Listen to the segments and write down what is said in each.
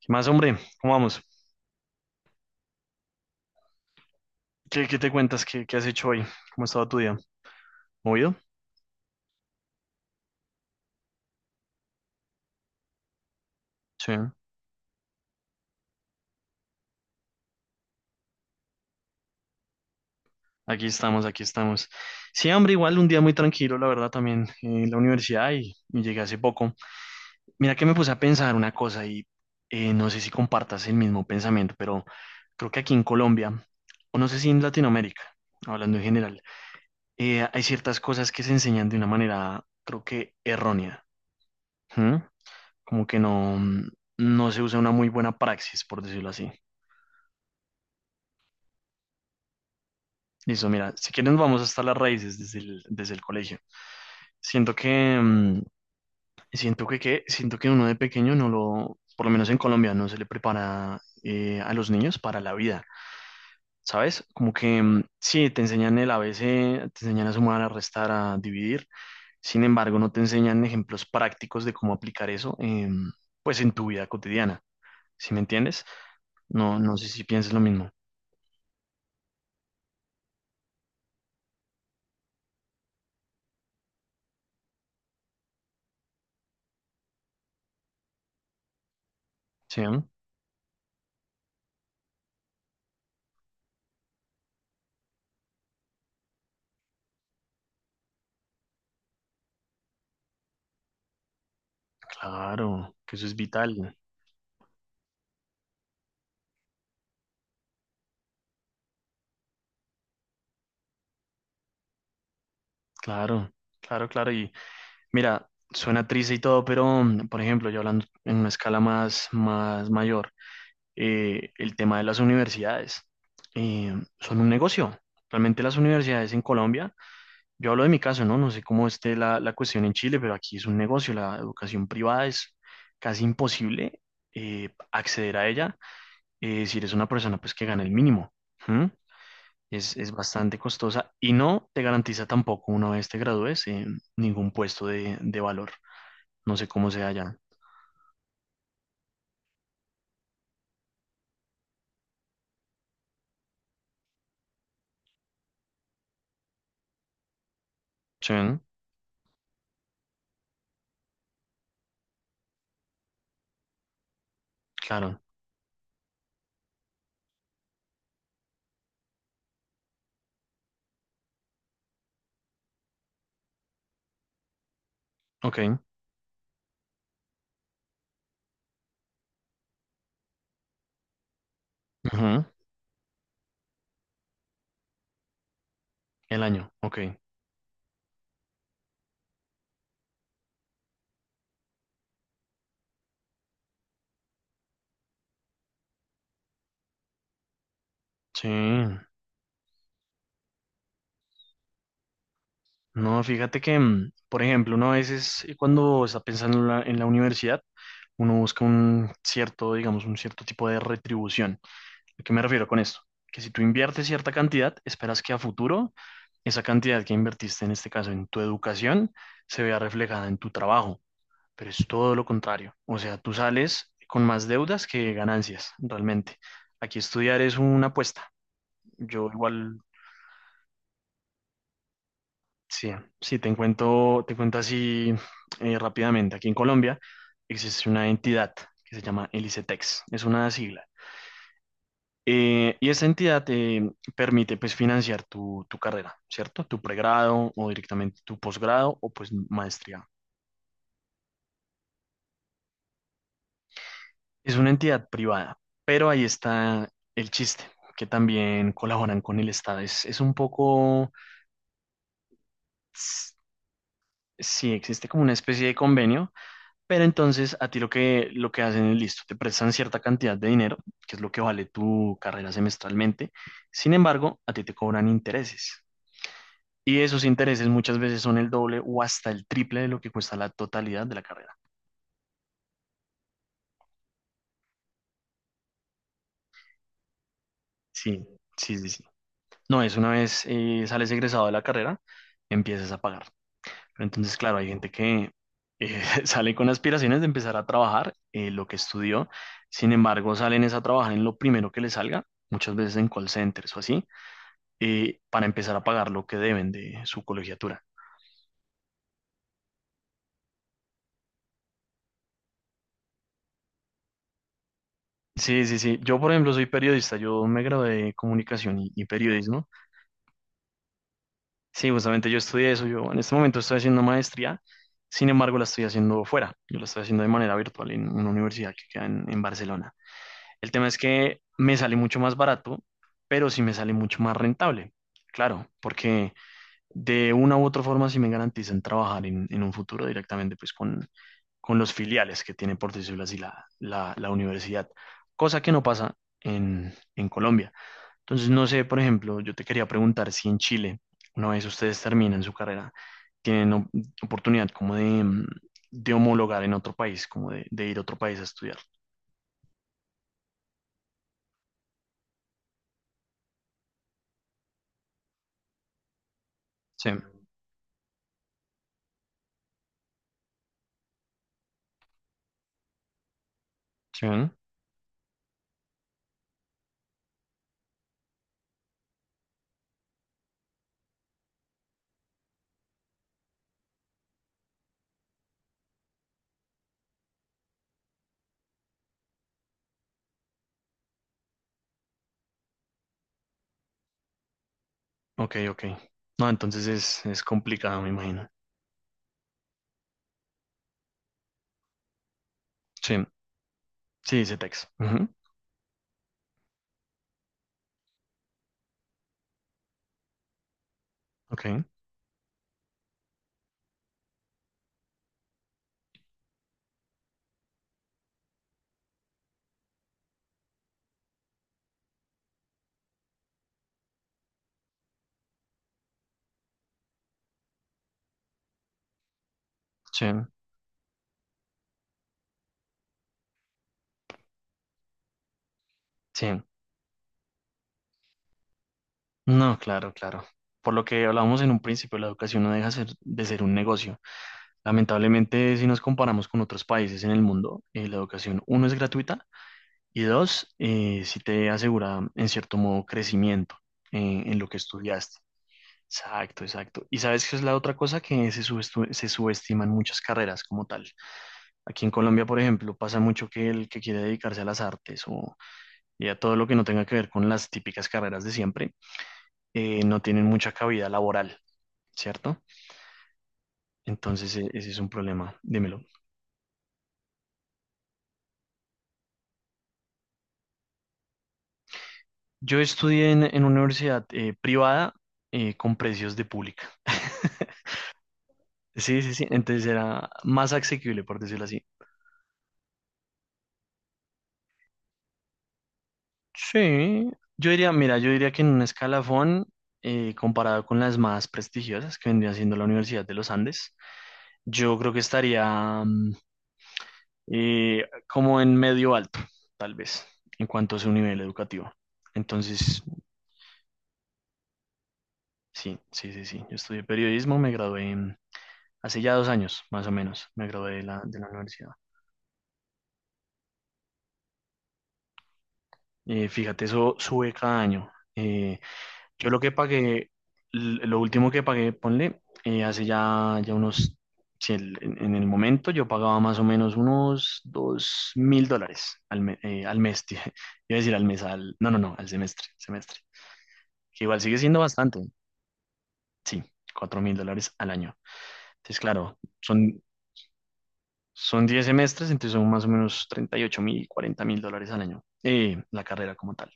¿Qué más, hombre? ¿Cómo vamos? ¿Qué te cuentas? ¿Qué has hecho hoy? ¿Cómo ha estado tu día? ¿Movido? Sí. Aquí estamos, aquí estamos. Sí, hombre, igual un día muy tranquilo, la verdad, también en la universidad y llegué hace poco. Mira que me puse a pensar una cosa y no sé si compartas el mismo pensamiento, pero creo que aquí en Colombia, o no sé si en Latinoamérica, hablando en general, hay ciertas cosas que se enseñan de una manera, creo que errónea. ¿Mm? Como que no, no se usa una muy buena praxis, por decirlo así. Listo, mira, si quieren vamos hasta las raíces desde el colegio. Siento que, mm, siento que uno de pequeño no lo, por lo menos en Colombia, no se le prepara a los niños para la vida, ¿sabes? Como que mm, sí, te enseñan el a ABC, te enseñan a sumar, a restar, a dividir, sin embargo, no te enseñan ejemplos prácticos de cómo aplicar eso, pues en tu vida cotidiana, ¿sí me entiendes? No, no sé si piensas lo mismo. Sí, ¿no? Claro, que eso es vital. Claro, claro, claro. Y mira, suena triste y todo, pero mm, por ejemplo, yo hablando en una escala más mayor, el tema de las universidades eh, son un negocio. Realmente las universidades en Colombia, yo hablo de mi caso, ¿no? No sé cómo esté la cuestión en Chile, pero aquí es un negocio. La educación privada es casi imposible acceder a ella si eres una persona pues que gana el mínimo. ¿Mm? Es bastante costosa y no te garantiza tampoco una vez te gradúes ningún puesto de valor. No sé cómo sea ya. Sí, claro. Ok. Ujú. El año. Ok. Sí. No, fíjate que, mm, por ejemplo, uno a veces cuando está pensando en la universidad, uno busca un cierto, digamos, un cierto tipo de retribución. ¿A qué me refiero con esto? Que si tú inviertes cierta cantidad, esperas que a futuro esa cantidad que invertiste, en este caso en tu educación, se vea reflejada en tu trabajo, pero es todo lo contrario. O sea, tú sales con más deudas que ganancias, realmente. Aquí estudiar es una apuesta. Yo igual, sí, sí, te cuento así rápidamente. Aquí en Colombia existe una entidad que se llama el ICETEX, es una sigla. Y esa entidad te permite pues financiar tu carrera, ¿cierto? Tu pregrado o directamente tu posgrado o pues maestría. Es una entidad privada, pero ahí está el chiste, que también colaboran con el Estado. Es un poco, s- sí, existe como una especie de convenio, pero entonces a ti lo que hacen es listo, te prestan cierta cantidad de dinero, que es lo que vale tu carrera semestralmente. Sin embargo, a ti te cobran intereses. Y esos intereses muchas veces son el doble o hasta el triple de lo que cuesta la totalidad de la carrera. Sí, sí, sí, sí. No, es una vez sales egresado de la carrera, empiezas a pagar. Pero entonces, claro, hay gente que sale con aspiraciones de empezar a trabajar lo que estudió. Sin embargo, salen es a trabajar en lo primero que les salga, muchas veces en call centers o así, para empezar a pagar lo que deben de su colegiatura. Sí, sí, sí. Yo, por ejemplo, soy periodista. Yo me gradué de comunicación y periodismo. Sí, justamente yo estudié eso. Yo en este momento estoy haciendo maestría, sin embargo la estoy haciendo fuera. Yo la estoy haciendo de manera virtual en una universidad que queda en Barcelona. El tema es que me sale mucho más barato, pero sí me sale mucho más rentable. Claro, porque de una u otra forma sí me garantizan trabajar en un futuro directamente pues con los filiales que tiene, por decirlo así, la universidad. Cosa que no pasa en Colombia. Entonces, no sé, por ejemplo, yo te quería preguntar si en Chile, una vez ustedes terminan su carrera, tienen oportunidad como de, mm, de homologar en otro país, como de, ir a otro país a estudiar. Sí, sí, ¿no? Ok, ok. No, entonces es complicado, me imagino. Sí, sí, dice Tex. Ujú. Ok, sí, sí. No, claro, claro. Por lo que hablábamos en un principio, la educación no deja de ser un negocio. Lamentablemente, si nos comparamos con otros países en el mundo, la educación, uno, es gratuita. Y dos, si te asegura en cierto modo crecimiento en lo que estudiaste. Exacto, exacto. Y sabes que es la otra cosa que se, se subestiman muchas carreras como tal. Aquí en Colombia, por ejemplo, pasa mucho que el que quiere dedicarse a las artes o y a todo lo que no tenga que ver con las típicas carreras de siempre, no tienen mucha cabida laboral, ¿cierto? Entonces, ese es un problema. Dímelo. Yo estudié en una universidad privada con precios de pública. Sí, sí, sí. Entonces era más asequible, por decirlo así. Sí. Yo diría, mira, yo diría que en un escalafón, comparado con las más prestigiosas que vendría siendo la Universidad de los Andes, yo creo que estaría mm, como en medio alto, tal vez, en cuanto a su nivel educativo. Entonces, sí, sí, sí, sí. Yo estudié periodismo, me gradué mm, hace ya 2 años, más o menos, me gradué de de la universidad. Fíjate, eso sube cada año. Yo lo que pagué, lo último que pagué, ponle, hace ya, ya unos, si en el momento yo pagaba más o menos unos $2.000 al, al mes, tío. iba a decir al mes, al, no, no, no, al semestre, que igual sigue siendo bastante, sí, $4.000 al año. Entonces, claro, son 10 semestres, entonces son más o menos 38.000, $40.000 al año, la carrera como tal.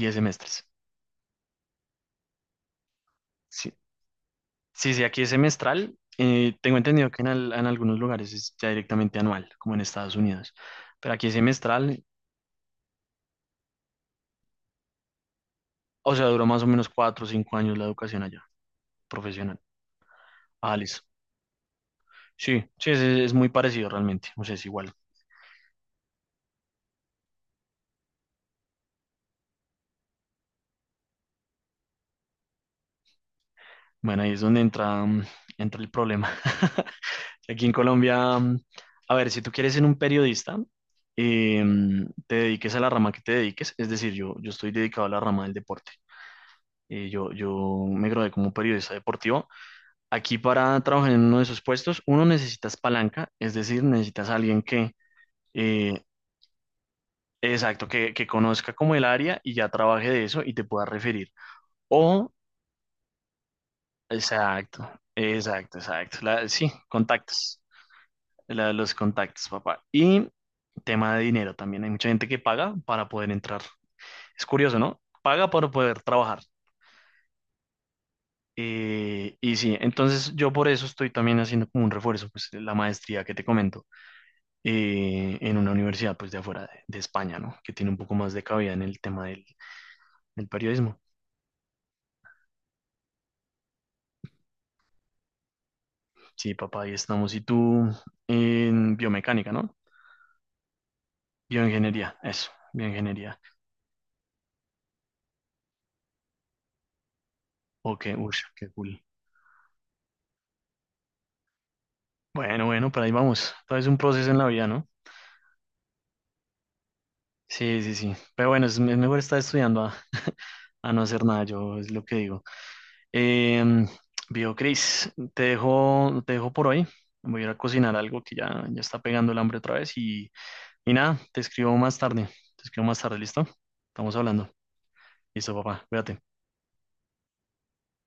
10 semestres. Sí. Sí, sí, aquí es semestral. Tengo entendido que en algunos lugares es ya directamente anual, como en Estados Unidos. Pero aquí es semestral, o sea, duró más o menos 4 o 5 años la educación allá, profesional. Ah, listo. Sí, sí, es muy parecido realmente, o sea, es igual. Bueno, ahí es donde entra, mm, entra el problema. Aquí en Colombia, mm, a ver, si tú quieres ser un periodista, mm, te dediques a la rama que te dediques, es decir, yo estoy dedicado a la rama del deporte. Yo me gradué como periodista deportivo. Aquí para trabajar en uno de esos puestos, uno necesitas palanca, es decir, necesitas a alguien que, eh, exacto, que conozca como el área y ya trabaje de eso y te pueda referir. O, exacto, exacto, exacto. Sí, contactos, los contactos, papá. Y tema de dinero también. Hay mucha gente que paga para poder entrar. Es curioso, ¿no? Paga para poder trabajar. Y sí, entonces yo por eso estoy también haciendo como un refuerzo, pues la maestría que te comento en una universidad pues de afuera de España, ¿no? Que tiene un poco más de cabida en el tema del periodismo. Sí, papá, ahí estamos. Y tú en biomecánica, ¿no? Bioingeniería, eso, bioingeniería. Ok, uff, qué cool. Bueno, bueno, pero ahí vamos. Todo es un proceso en la vida, ¿no? Sí, sí, sí. Pero bueno, es, mejor estar estudiando a no hacer nada, yo es lo que digo. Em, viejo Cris, te dejo por hoy. Voy a ir a cocinar algo que ya, ya está pegando el hambre otra vez. Y nada, te escribo más tarde. Te escribo más tarde, ¿listo? Estamos hablando. Listo, papá. Cuídate.